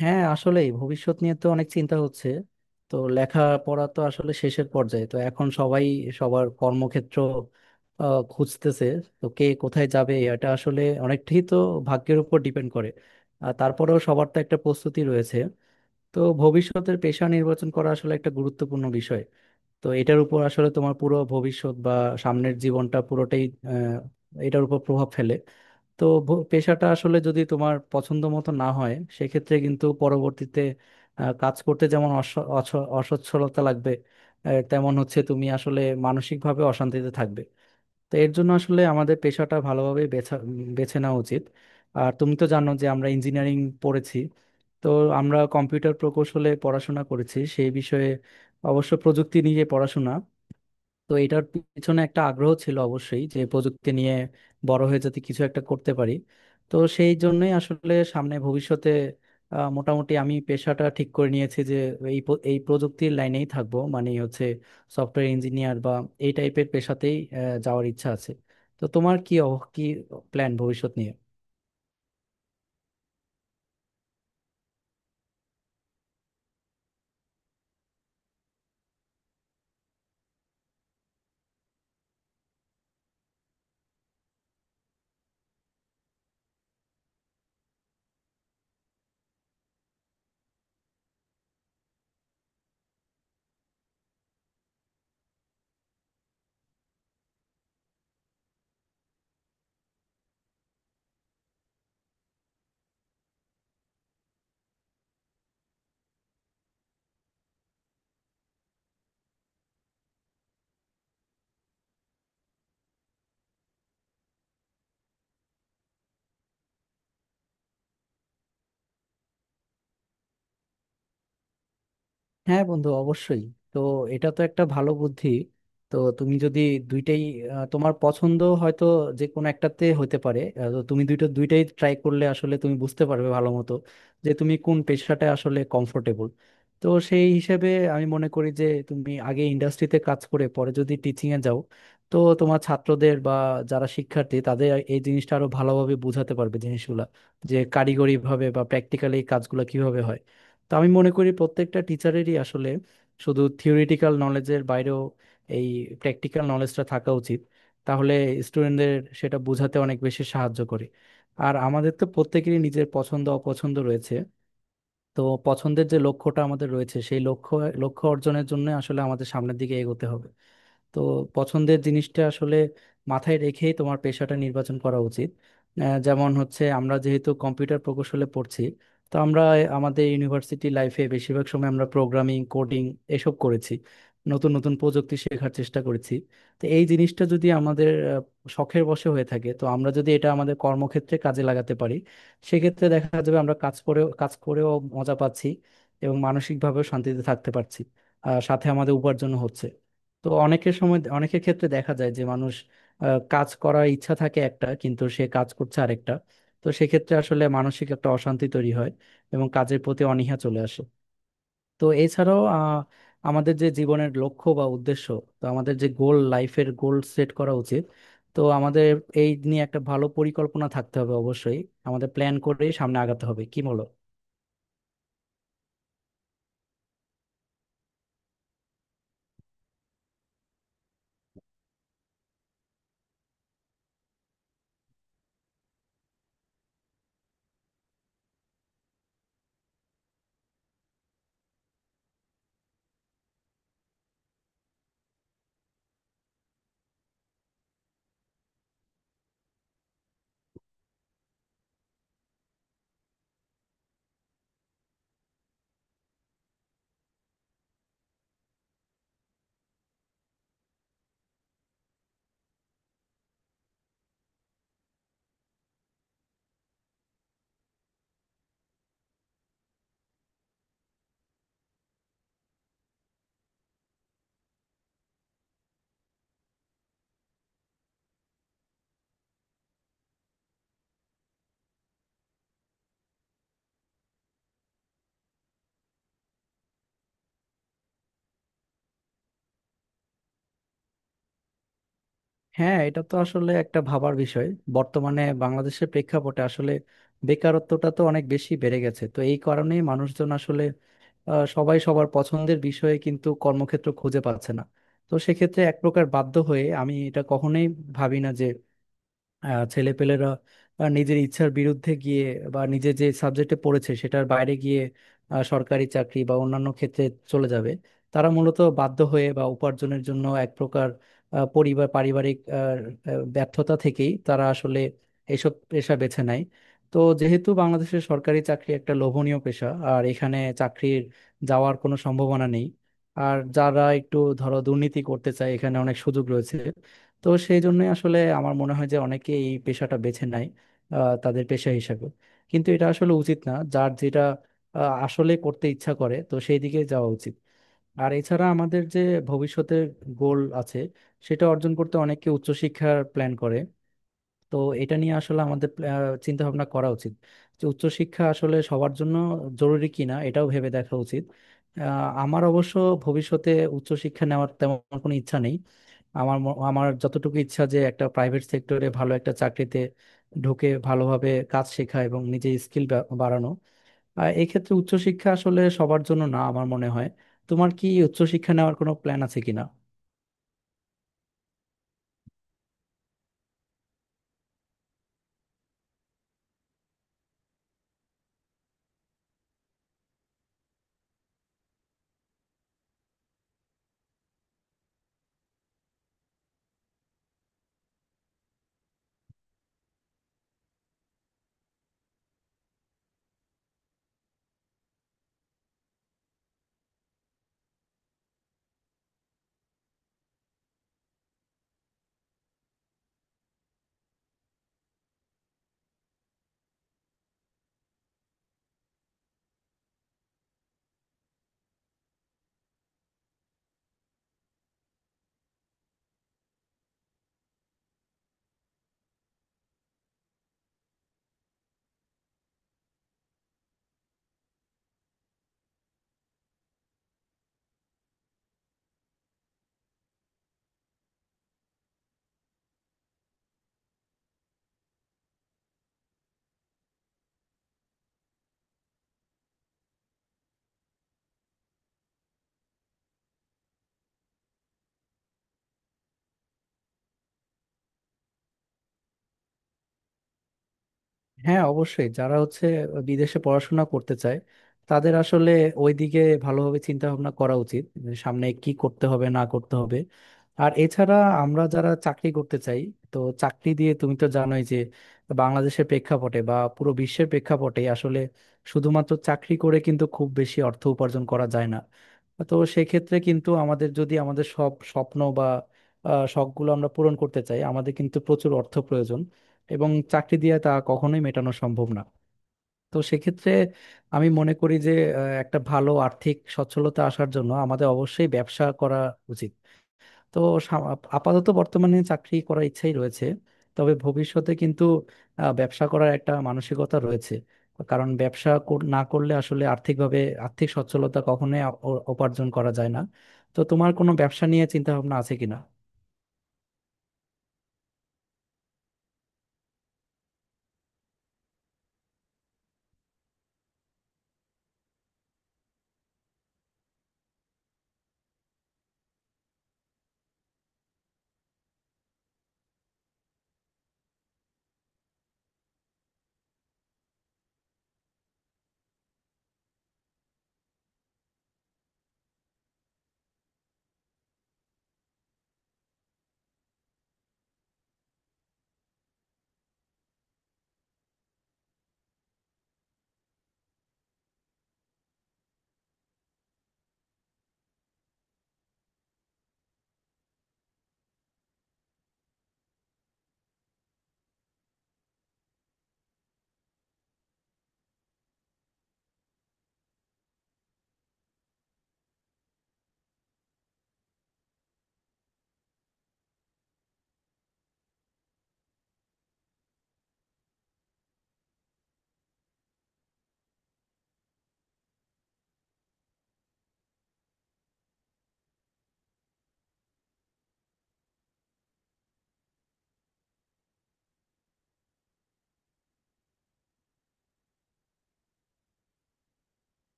হ্যাঁ, আসলে ভবিষ্যৎ নিয়ে তো অনেক চিন্তা হচ্ছে। তো লেখাপড়া তো আসলে শেষের পর্যায়ে, তো এখন সবাই সবার কর্মক্ষেত্র খুঁজতেছে। তো কে কোথায় যাবে এটা আসলে অনেকটাই তো ভাগ্যের উপর ডিপেন্ড করে। আর তারপরেও সবার তো একটা প্রস্তুতি রয়েছে। তো ভবিষ্যতের পেশা নির্বাচন করা আসলে একটা গুরুত্বপূর্ণ বিষয়। তো এটার উপর আসলে তোমার পুরো ভবিষ্যৎ বা সামনের জীবনটা পুরোটাই এটার উপর প্রভাব ফেলে। তো পেশাটা আসলে যদি তোমার পছন্দ মতো না হয়, সেক্ষেত্রে কিন্তু পরবর্তীতে কাজ করতে যেমন অসচ্ছলতা লাগবে, তেমন হচ্ছে তুমি আসলে মানসিকভাবে অশান্তিতে থাকবে। তো এর জন্য আসলে আমাদের পেশাটা ভালোভাবে বেছে নেওয়া উচিত। আর তুমি তো জানো যে আমরা ইঞ্জিনিয়ারিং পড়েছি। তো আমরা কম্পিউটার প্রকৌশলে পড়াশোনা করেছি, সেই বিষয়ে অবশ্য প্রযুক্তি নিয়ে পড়াশোনা। তো এটার পিছনে একটা আগ্রহ ছিল অবশ্যই যে প্রযুক্তি নিয়ে বড় হয়ে যাতে কিছু একটা করতে পারি। তো সেই জন্যই আসলে সামনে ভবিষ্যতে মোটামুটি আমি পেশাটা ঠিক করে নিয়েছি যে এই প্রযুক্তির লাইনেই থাকবো, মানে হচ্ছে সফটওয়্যার ইঞ্জিনিয়ার বা এই টাইপের পেশাতেই যাওয়ার ইচ্ছা আছে। তো তোমার কি কি প্ল্যান ভবিষ্যৎ নিয়ে? হ্যাঁ বন্ধু, অবশ্যই। তো এটা তো একটা ভালো বুদ্ধি। তো তুমি যদি দুইটাই তোমার পছন্দ হয়তো যে কোনো একটাতে হতে পারে, তো তুমি দুইটাই ট্রাই করলে আসলে তুমি বুঝতে পারবে ভালো মতো যে তুমি কোন পেশাটা আসলে কমফোর্টেবল। তো সেই হিসেবে আমি মনে করি যে তুমি আগে ইন্ডাস্ট্রিতে কাজ করে পরে যদি টিচিং এ যাও, তো তোমার ছাত্রদের বা যারা শিক্ষার্থী তাদের এই জিনিসটা আরো ভালোভাবে বোঝাতে পারবে জিনিসগুলা যে কারিগরি ভাবে বা প্র্যাকটিক্যালি কাজগুলো কিভাবে হয়। তো আমি মনে করি প্রত্যেকটা টিচারেরই আসলে শুধু থিওরিটিক্যাল নলেজের বাইরেও এই প্র্যাকটিক্যাল নলেজটা থাকা উচিত। তাহলে স্টুডেন্টদের সেটা বোঝাতে অনেক বেশি সাহায্য করে। আর আমাদের তো প্রত্যেকেরই নিজের পছন্দ অপছন্দ রয়েছে। তো পছন্দের যে লক্ষ্যটা আমাদের রয়েছে সেই লক্ষ্য লক্ষ্য অর্জনের জন্য আসলে আমাদের সামনের দিকে এগোতে হবে। তো পছন্দের জিনিসটা আসলে মাথায় রেখেই তোমার পেশাটা নির্বাচন করা উচিত। যেমন হচ্ছে আমরা যেহেতু কম্পিউটার প্রকৌশলে পড়ছি, তো আমরা আমাদের ইউনিভার্সিটি লাইফে বেশিরভাগ সময় আমরা প্রোগ্রামিং কোডিং এসব করেছি, নতুন নতুন প্রযুক্তি শেখার চেষ্টা করেছি। তো এই জিনিসটা যদি আমাদের শখের বশে হয়ে থাকে, তো আমরা যদি এটা আমাদের কর্মক্ষেত্রে কাজে লাগাতে পারি, সেক্ষেত্রে দেখা যাবে আমরা কাজ করেও মজা পাচ্ছি এবং মানসিকভাবেও শান্তিতে থাকতে পারছি, আর সাথে আমাদের উপার্জন হচ্ছে। তো অনেকের সময় অনেকের ক্ষেত্রে দেখা যায় যে মানুষ কাজ করার ইচ্ছা থাকে একটা, কিন্তু সে কাজ করছে আরেকটা। তো সেক্ষেত্রে আসলে মানসিক একটা অশান্তি তৈরি হয় এবং কাজের প্রতি অনীহা চলে আসে। তো এছাড়াও আমাদের যে জীবনের লক্ষ্য বা উদ্দেশ্য, তো আমাদের যে গোল, লাইফের গোল সেট করা উচিত। তো আমাদের এই নিয়ে একটা ভালো পরিকল্পনা থাকতে হবে অবশ্যই। আমাদের প্ল্যান করেই সামনে আগাতে হবে, কি বলো? হ্যাঁ, এটা তো আসলে একটা ভাবার বিষয়। বর্তমানে বাংলাদেশের প্রেক্ষাপটে আসলে বেকারত্বটা তো অনেক বেশি বেড়ে গেছে। তো এই কারণেই মানুষজন আসলে সবাই সবার পছন্দের বিষয়ে কিন্তু কর্মক্ষেত্র খুঁজে পাচ্ছে না। তো সেক্ষেত্রে এক প্রকার বাধ্য হয়ে, আমি এটা কখনোই ভাবি না ছেলেপেলেরা নিজের ইচ্ছার বিরুদ্ধে গিয়ে বা নিজে যে সাবজেক্টে পড়েছে সেটার বাইরে গিয়ে সরকারি চাকরি বা অন্যান্য ক্ষেত্রে চলে যাবে। তারা মূলত বাধ্য হয়ে বা উপার্জনের জন্য এক প্রকার পরিবার পারিবারিক আহ, আহ, ব্যর্থতা থেকেই তারা আসলে এইসব পেশা বেছে নেয়। তো যেহেতু বাংলাদেশের সরকারি চাকরি একটা লোভনীয় পেশা আর এখানে চাকরির যাওয়ার কোনো সম্ভাবনা নেই, আর যারা একটু ধরো দুর্নীতি করতে চায় এখানে অনেক সুযোগ রয়েছে, তো সেই জন্যই আসলে আমার মনে হয় যে অনেকে এই পেশাটা বেছে নেয় তাদের পেশা হিসাবে। কিন্তু এটা আসলে উচিত না, যার যেটা আসলে করতে ইচ্ছা করে তো সেই দিকে যাওয়া উচিত। আর এছাড়া আমাদের যে ভবিষ্যতের গোল আছে, সেটা অর্জন করতে অনেকে উচ্চশিক্ষার প্ল্যান করে। তো এটা নিয়ে আসলে আমাদের চিন্তা ভাবনা করা উচিত যে উচ্চশিক্ষা আসলে সবার জন্য জরুরি কিনা এটাও ভেবে দেখা উচিত। আমার অবশ্য ভবিষ্যতে উচ্চশিক্ষা নেওয়ার তেমন কোনো ইচ্ছা নেই। আমার যতটুকু ইচ্ছা যে একটা প্রাইভেট সেক্টরে ভালো একটা চাকরিতে ঢুকে ভালোভাবে কাজ শেখা এবং নিজের স্কিল বাড়ানো। আর এক্ষেত্রে উচ্চশিক্ষা আসলে সবার জন্য না আমার মনে হয়। তোমার কি উচ্চশিক্ষা নেওয়ার কোনো প্ল্যান আছে কিনা? হ্যাঁ অবশ্যই, যারা হচ্ছে বিদেশে পড়াশোনা করতে চায় তাদের আসলে ওইদিকে ভালোভাবে চিন্তা ভাবনা করা উচিত যে সামনে কি করতে হবে না করতে হবে। আর এছাড়া আমরা যারা চাকরি করতে চাই, তো চাকরি দিয়ে তুমি তো জানোই যে বাংলাদেশের প্রেক্ষাপটে বা পুরো বিশ্বের প্রেক্ষাপটে আসলে শুধুমাত্র চাকরি করে কিন্তু খুব বেশি অর্থ উপার্জন করা যায় না। তো সেক্ষেত্রে কিন্তু আমাদের যদি আমাদের সব স্বপ্ন বা শখগুলো আমরা পূরণ করতে চাই, আমাদের কিন্তু প্রচুর অর্থ প্রয়োজন, এবং চাকরি দিয়ে তা কখনোই মেটানো সম্ভব না। তো সেক্ষেত্রে আমি মনে করি যে একটা ভালো আর্থিক সচ্ছলতা আসার জন্য আমাদের অবশ্যই ব্যবসা করা উচিত। তো সাম- আপাতত বর্তমানে চাকরি করার ইচ্ছাই রয়েছে, তবে ভবিষ্যতে কিন্তু ব্যবসা করার একটা মানসিকতা রয়েছে। কারণ না করলে আসলে আর্থিকভাবে আর্থিক সচ্ছলতা কখনোই অর্জন করা যায় না। তো তোমার কোনো ব্যবসা নিয়ে চিন্তা ভাবনা আছে কিনা?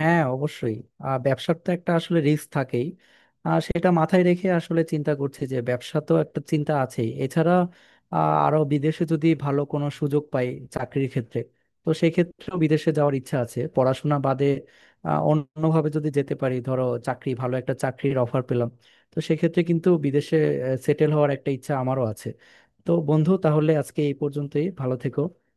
হ্যাঁ অবশ্যই, ব্যবসার তো একটা আসলে রিস্ক থাকেই। সেটা মাথায় রেখে আসলে চিন্তা করছি যে ব্যবসা তো একটা চিন্তা আছেই, এছাড়া আহ, আরো বিদেশে যদি ভালো কোনো সুযোগ পাই চাকরির ক্ষেত্রে, তো সেক্ষেত্রেও বিদেশে যাওয়ার ইচ্ছা আছে পড়াশোনা বাদে। অন্যভাবে যদি যেতে পারি, ধরো চাকরি, ভালো একটা চাকরির অফার পেলাম, তো সেক্ষেত্রে কিন্তু বিদেশে সেটেল হওয়ার একটা ইচ্ছা আমারও আছে। তো বন্ধু তাহলে আজকে এই পর্যন্তই, ভালো থেকো।